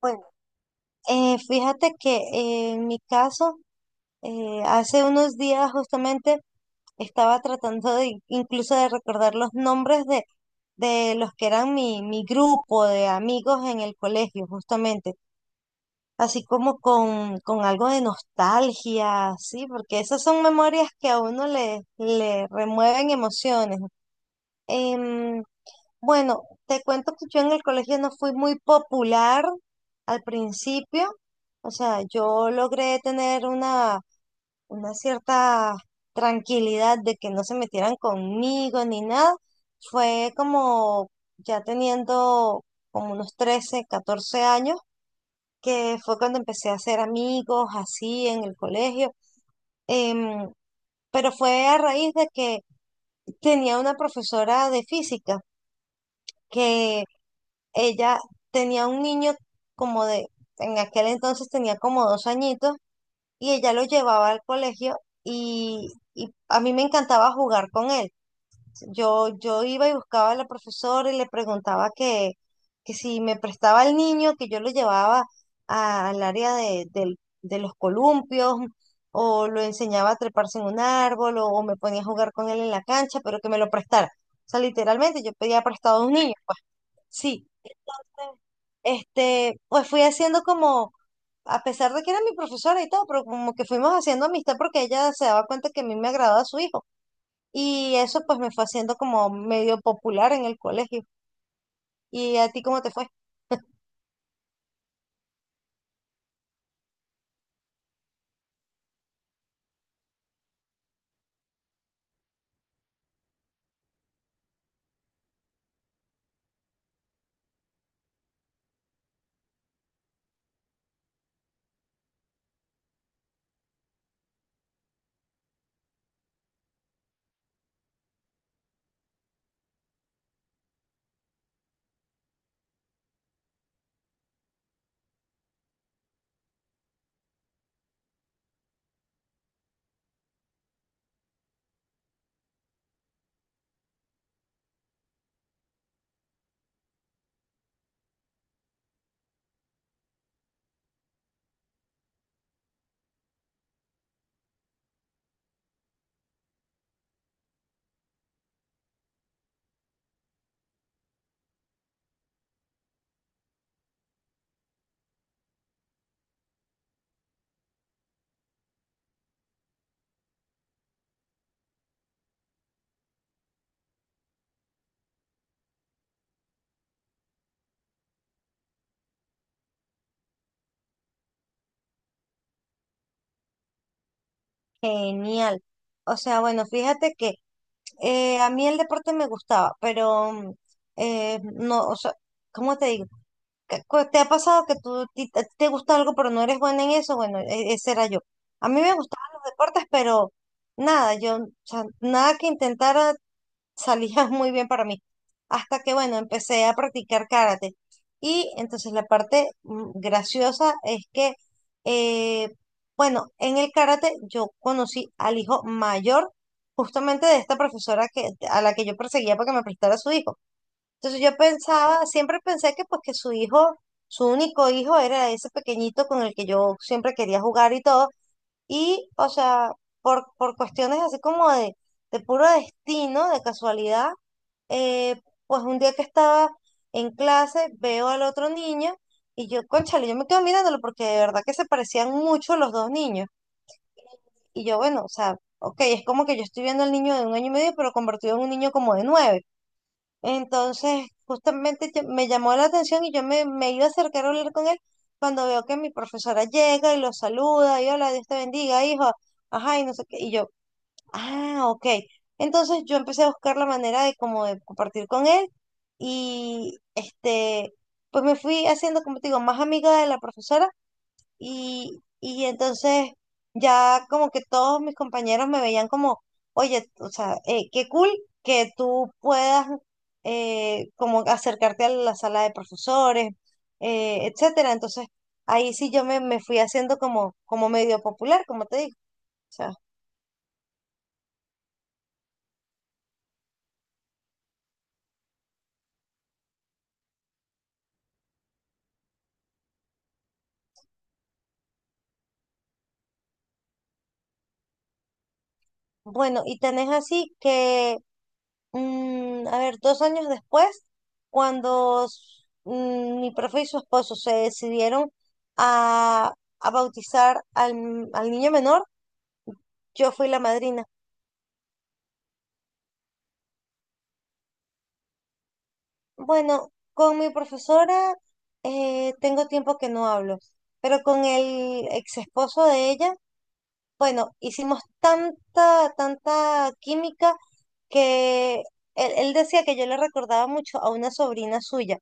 Bueno, fíjate que en mi caso, hace unos días justamente estaba tratando de incluso de recordar los nombres de los que eran mi grupo de amigos en el colegio, justamente, así como con algo de nostalgia, sí, porque esas son memorias que a uno le remueven emociones. Em, Bueno, te cuento que yo en el colegio no fui muy popular al principio. O sea, yo logré tener una cierta tranquilidad de que no se metieran conmigo ni nada. Fue como ya teniendo como unos 13, 14 años, que fue cuando empecé a hacer amigos así en el colegio. Em, pero fue a raíz de que tenía una profesora de física. Que Ella tenía un niño como de, en aquel entonces tenía como 2 añitos y ella lo llevaba al colegio y a mí me encantaba jugar con él. Yo iba y buscaba a la profesora y le preguntaba que si me prestaba el niño, que yo lo llevaba al área de los columpios o lo enseñaba a treparse en un árbol o me ponía a jugar con él en la cancha, pero que me lo prestara. O sea, literalmente yo pedía prestado a un niño, pues. Sí. Pues fui haciendo como, a pesar de que era mi profesora y todo, pero como que fuimos haciendo amistad porque ella se daba cuenta que a mí me agradaba su hijo. Y eso pues me fue haciendo como medio popular en el colegio. ¿Y a ti cómo te fue? Genial. O sea, bueno, fíjate que a mí el deporte me gustaba, pero no, o sea, ¿cómo te digo? ¿Te ha pasado que a ti te gusta algo pero no eres buena en eso? Bueno, ese era yo. A mí me gustaban los deportes, pero nada, yo, o sea, nada que intentara salía muy bien para mí. Hasta que, bueno, empecé a practicar karate. Y entonces la parte graciosa es que, eh, bueno, en el karate yo conocí al hijo mayor justamente de esta profesora que, a la que yo perseguía para que me prestara a su hijo. Entonces yo pensaba, siempre pensé que pues que su hijo, su único hijo era ese pequeñito con el que yo siempre quería jugar y todo. Y, o sea, por cuestiones así como de puro destino, de casualidad, eh, pues un día que estaba en clase, veo al otro niño y yo, cónchale, yo me quedo mirándolo porque de verdad que se parecían mucho los dos niños. Y yo, bueno, o sea, ok, es como que yo estoy viendo al niño de un año y medio, pero convertido en un niño como de 9. Entonces, justamente me llamó la atención y yo me iba a acercar a hablar con él cuando veo que mi profesora llega y lo saluda y hola, Dios te bendiga, hijo. Ajá, y no sé qué. Y yo, ah, ok. Entonces yo empecé a buscar la manera de como de compartir con él y pues me fui haciendo, como te digo, más amiga de la profesora y entonces ya como que todos mis compañeros me veían como, oye, o sea, qué cool que tú puedas como acercarte a la sala de profesores, etcétera. Entonces ahí sí yo me fui haciendo como medio popular, como te digo. O sea, bueno, y tenés así que a ver, 2 años después, cuando mi profe y su esposo se decidieron a, a bautizar al niño menor, yo fui la madrina. Bueno, con mi profesora tengo tiempo que no hablo, pero con el ex esposo de ella, bueno, hicimos tanta, tanta química que él decía que yo le recordaba mucho a una sobrina suya.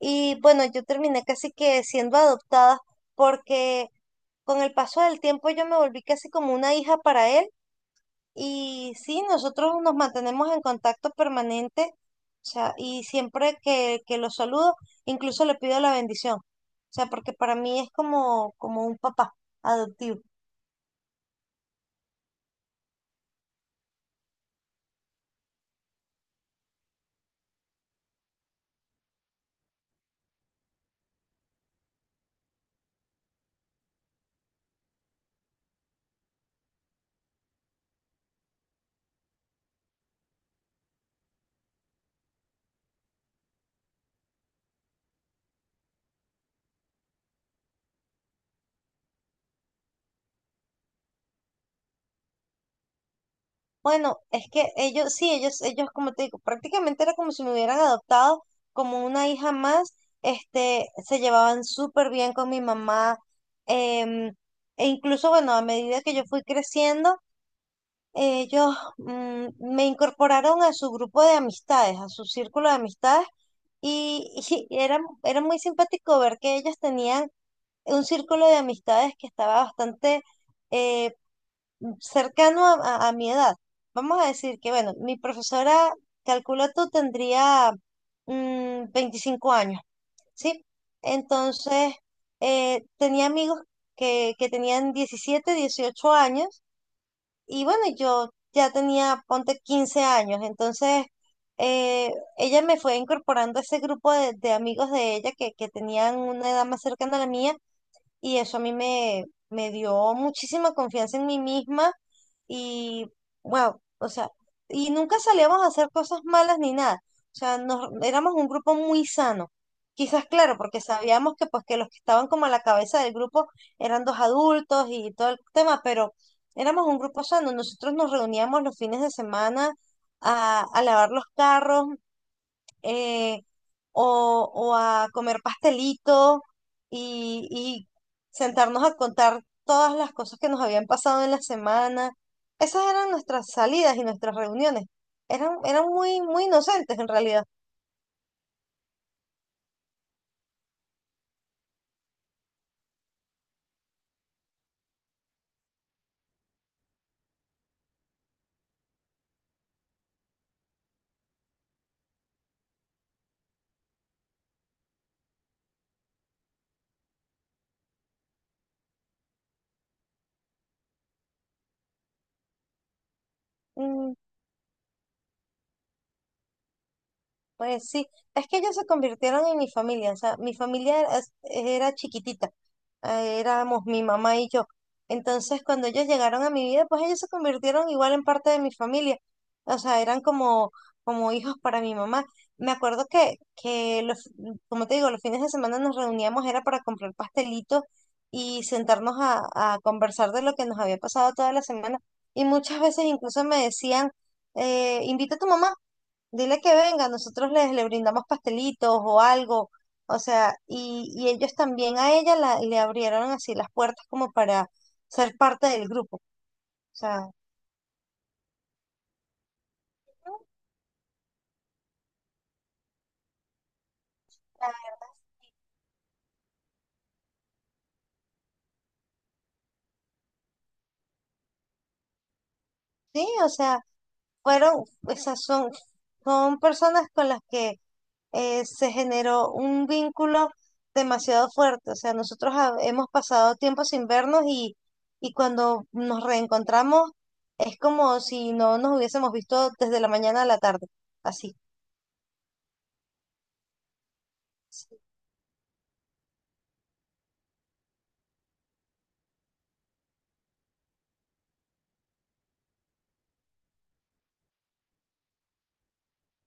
Y bueno, yo terminé casi que siendo adoptada porque con el paso del tiempo yo me volví casi como una hija para él y sí, nosotros nos mantenemos en contacto permanente, o sea, y siempre que lo saludo, incluso le pido la bendición, o sea, porque para mí es como, un papá adoptivo. Bueno, es que ellos, sí, ellos, como te digo, prácticamente era como si me hubieran adoptado como una hija más, se llevaban súper bien con mi mamá, em, e incluso, bueno, a medida que yo fui creciendo, ellos, me incorporaron a su grupo de amistades, a su círculo de amistades, y, y era muy simpático ver que ellos tenían un círculo de amistades que estaba bastante, eh, cercano a mi edad. Vamos a decir que, bueno, mi profesora, calculo tú, tendría 25 años, ¿sí? Entonces, tenía amigos que tenían 17, 18 años y bueno, yo ya tenía, ponte 15 años, entonces. Eh, ella me fue incorporando a ese grupo de amigos de ella que tenían una edad más cercana a la mía y eso a mí me dio muchísima confianza en mí misma y, wow, o sea, y nunca salíamos a hacer cosas malas ni nada. O sea, nos, éramos un grupo muy sano. Quizás, claro, porque sabíamos que, pues, que los que estaban como a la cabeza del grupo eran dos adultos y todo el tema, pero éramos un grupo sano. Nosotros nos reuníamos los fines de semana a lavar los carros, eh, o a comer pastelito y sentarnos a contar todas las cosas que nos habían pasado en la semana. Esas eran nuestras salidas y nuestras reuniones. Eran muy, muy inocentes en realidad. Mm, Pues sí, es que ellos se convirtieron en mi familia, o sea, mi familia era chiquitita, éramos mi mamá y yo. Entonces, cuando ellos llegaron a mi vida, pues ellos se convirtieron igual en parte de mi familia, o sea, eran como, hijos para mi mamá. Me acuerdo que los, como te digo, los fines de semana nos reuníamos, era para comprar pastelitos y sentarnos a conversar de lo que nos había pasado toda la semana. Y muchas veces incluso me decían, invita a tu mamá. Dile que venga, nosotros les le brindamos pastelitos o algo, o sea, y ellos también a ella la, le abrieron así las puertas como para ser parte del grupo. O sea, sí, o sea, fueron, esas son personas con las que se generó un vínculo demasiado fuerte. O sea, nosotros hemos pasado tiempo sin vernos y cuando nos reencontramos es como si no nos hubiésemos visto desde la mañana a la tarde, así.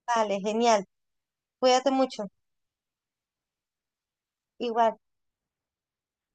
Vale, genial. Cuídate mucho. Igual.